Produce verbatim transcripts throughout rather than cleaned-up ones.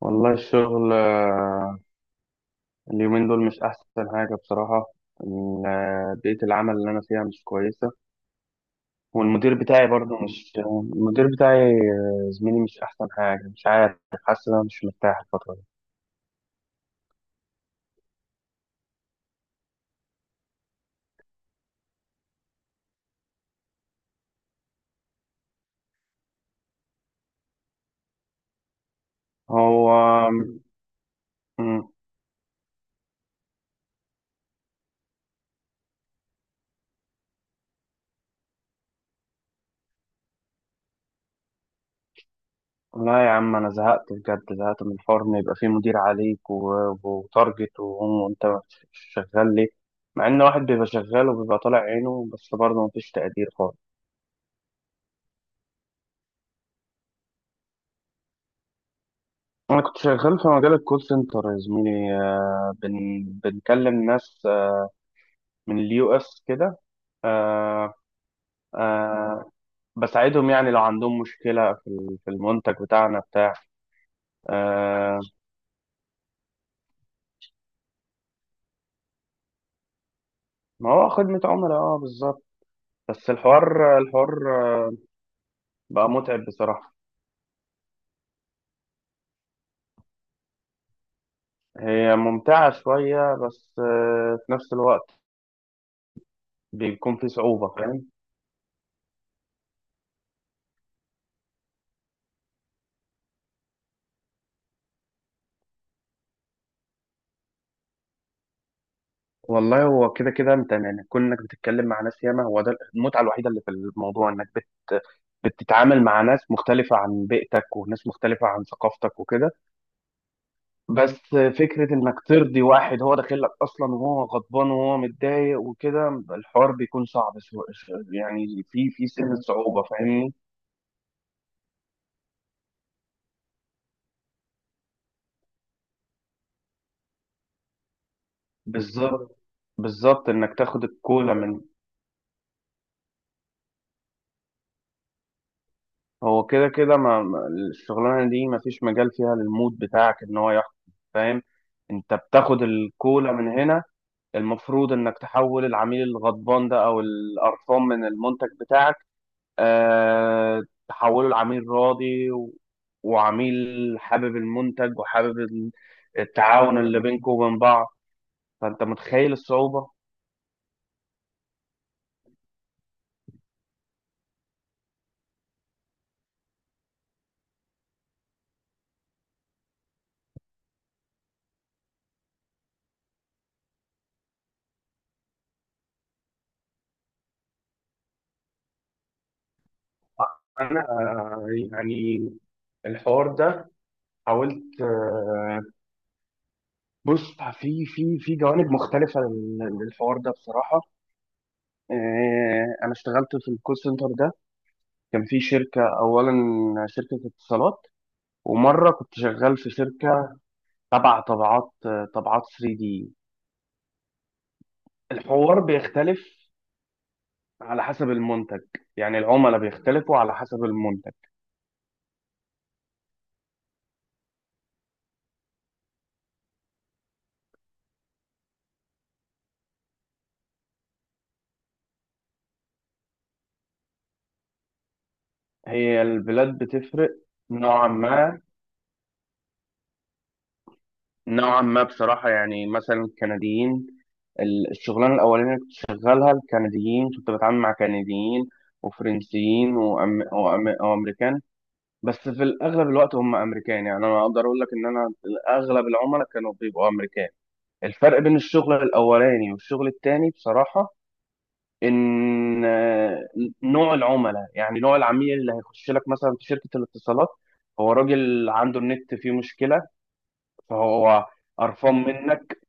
والله الشغل، آه، اليومين دول مش أحسن حاجة بصراحة. ال- آه، بيئة العمل اللي أنا فيها مش كويسة. والمدير بتاعي برضه مش، المدير بتاعي آه، زميلي مش أحسن حاجة، مش عارف، حاسس إن أنا مش مرتاح الفترة دي. هو مم، لا يا عم، أنا زهقت بجد، زهقت من الحوار إن يبقى فيه مدير عليك و- وتارجت وأنت مش شغال ليه، مع إن واحد بيبقى شغال وبيبقى طالع عينه بس برضه مفيش تقدير خالص. أنا كنت شغال في مجال الكول سنتر يا زميلي، آه، بن بنكلم ناس آه، من اليو اس كده. آه، آه، بساعدهم، يعني لو عندهم مشكلة في ال- في المنتج بتاعنا بتاع آه، ما هو خدمة عملاء، اه، بالظبط. بس الحوار الحوار بقى متعب بصراحة. هي ممتعة شوية بس آه، في نفس الوقت بيكون في صعوبة، فاهم؟ والله هو كده كده انت، يعني كون انك بتتكلم مع ناس ياما، هو ده المتعه الوحيده اللي في الموضوع، انك بت بتتعامل مع ناس مختلفه عن بيئتك وناس مختلفه عن ثقافتك وكده. بس فكره انك ترضي واحد هو داخل لك اصلا وهو غضبان وهو متضايق وكده، الحوار بيكون صعب سو- يعني في في سن صعوبه، فاهمني؟ بالظبط، بالظبط، انك تاخد الكولا من، هو كده كده ما ما- الشغلانه دي ما فيش مجال فيها للمود بتاعك ان هو يحكم، فاهم. انت بتاخد الكولا من هنا، المفروض انك تحول العميل الغضبان ده او القرفان من المنتج بتاعك، أه، تحوله لعميل راضي و- وعميل حابب المنتج وحابب ال- التعاون اللي بينكم وبين بعض. فانت متخيل الصعوبه. انا يعني الحوار ده حاولت، بص في في في جوانب مختلفة لل- للحوار ده بصراحة. آه، أنا اشتغلت في الكول سنتر ده، كان في شركة أولا شركة اتصالات، ومرة كنت شغال في شركة تبع طبعات آه، طبعات ثري دي. الحوار بيختلف على حسب المنتج، يعني العملاء بيختلفوا على حسب المنتج. هي البلاد بتفرق نوعا ما، نوعا ما بصراحة، يعني مثلا الكنديين، ال- الشغلانة الأولانية اللي كنت شغالها الكنديين، كنت بتعامل مع كنديين وفرنسيين وأم... وأم... وأمريكان. بس في الأغلب الوقت هم أمريكان، يعني أنا أقدر أقول لك إن أنا أغلب العملاء كانوا بيبقوا أمريكان. الفرق بين الشغل الأولاني والشغل التاني بصراحة إن آه، نوع العملاء، يعني نوع العميل اللي هيخش لك مثلا في شركة الاتصالات هو راجل عنده النت فيه مشكلة فهو قرفان منك،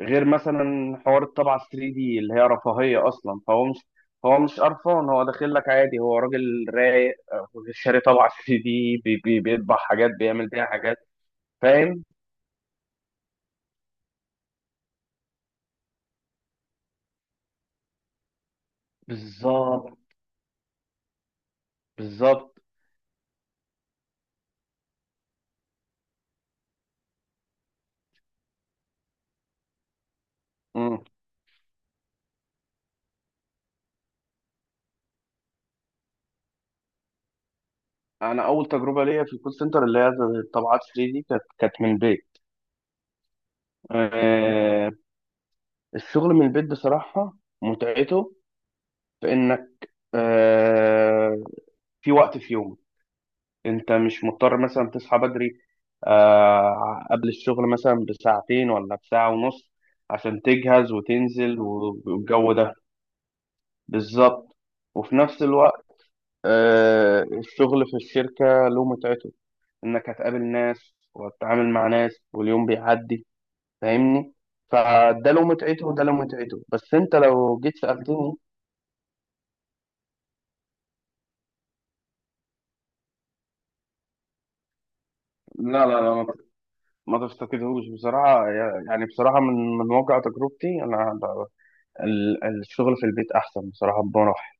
غير مثلا حوار الطبعة تلاتة دي اللي هي رفاهية أصلا، فهو مش، هو مش قرفان، هو داخل لك عادي، هو راجل رايق، آه، شاري طبعة تلاتة دي بي بي بيطبع حاجات، بيعمل بيها حاجات، فاهم. بالظبط، بالظبط. مم. أنا أول تجربة ليا في الكول سنتر اللي هي الطبعات تلاتة دي، كانت كانت من البيت. آه، الشغل من البيت بصراحة متعته في إنك، آه، في وقت في يومك انت مش مضطر مثلا تصحى بدري، آه، قبل الشغل مثلا بساعتين ولا بساعة ونص، عشان تجهز وتنزل و- والجو ده. بالظبط. وفي نفس الوقت آه، الشغل في الشركة له متعته، انك هتقابل ناس وتتعامل مع ناس واليوم بيعدي، فاهمني. فده له متعته وده له متعته، بس انت لو جيت سألتني، لا لا لا، ما ما تفتقدهوش بصراحة، يعني بصراحة من من واقع تجربتي أنا ال- الشغل في البيت احسن بصراحه بمراحل.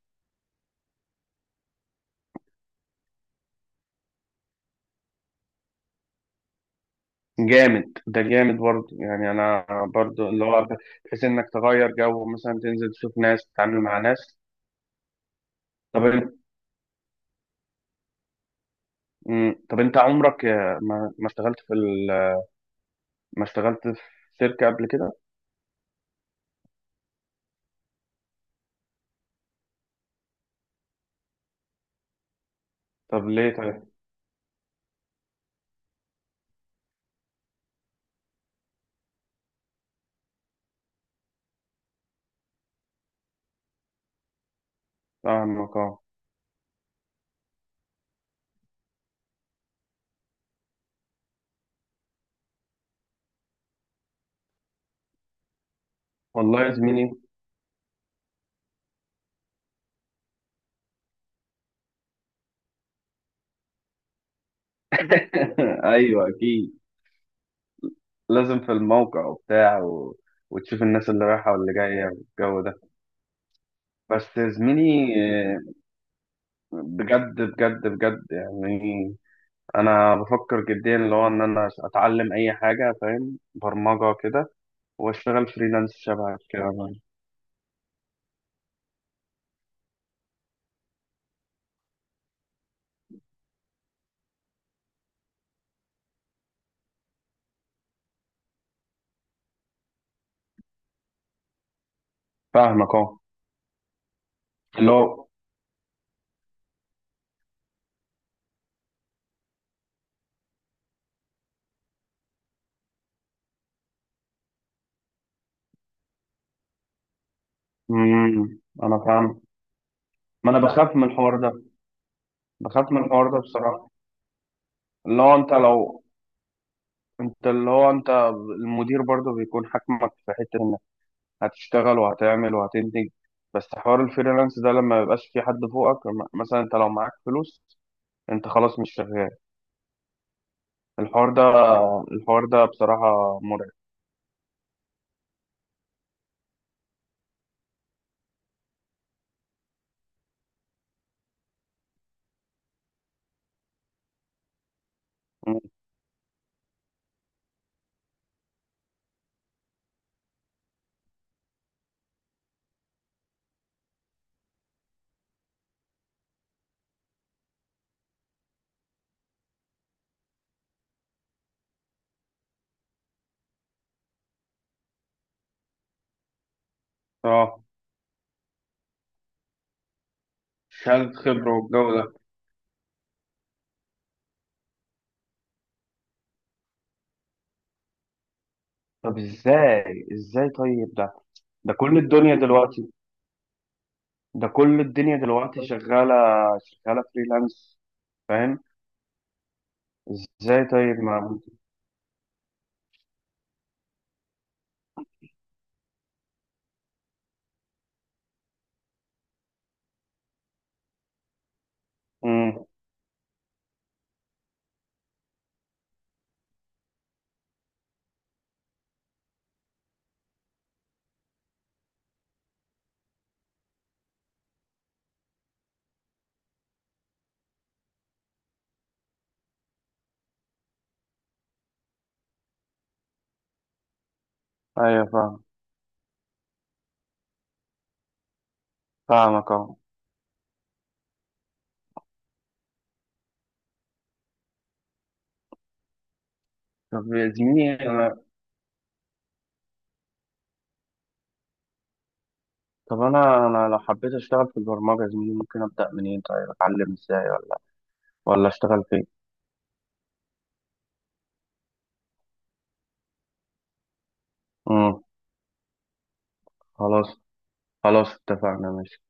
جامد ده، جامد برضه، يعني انا برضه اللي هو، بحيث انك تغير جو، مثلا تنزل تشوف ناس تتعامل مع ناس. طب انت مم. طب انت عمرك آه، ما ما اشتغلت في ال... ما اشتغلت في شركه قبل كده؟ طب ليه طيب؟ فاهمك، اه. والله يا زميلي، ايوه اكيد. لازم في الموقع وبتاع و... وتشوف الناس اللي رايحه واللي جايه والجو ده. بس يا زميلي، آه، بجد بجد بجد يعني، انا بفكر جديا اللي هو ان انا اتعلم اي حاجه، فاهم، برمجه كده، واشتغل فريلانس شبه كده. فاهمك، اه. اللي هو، امم انا فاهم، ما انا بخاف من الحوار ده، بخاف من الحوار ده بصراحه. اللي هو انت لو، انت اللي هو، انت المدير برضه بيكون حاكمك في حته انك هتشتغل وهتعمل وهتنتج، بس حوار الفريلانس ده لما ميبقاش في حد فوقك، م- مثلا انت لو معاك فلوس انت خلاص مش شغال، الحوار ده، الحوار ده بصراحه مرعب. اه، شهادة خبرة والجو ده. طب ازاي، ازاي طيب ده؟ ده كل الدنيا دلوقتي، ده كل الدنيا دلوقتي شغالة، شغالة فريلانس، فاهم. ازاي طيب؟ ما امم، ايوه فاهم. فاهمك، اه. طب يا زميلي انا، طب انا انا لو حبيت اشتغل في البرمجة يا زميلي ممكن ابدأ منين طيب؟ اتعلم ازاي ولا اشتغل فين؟ امم، خلاص، خلاص، اتفقنا، ماشي.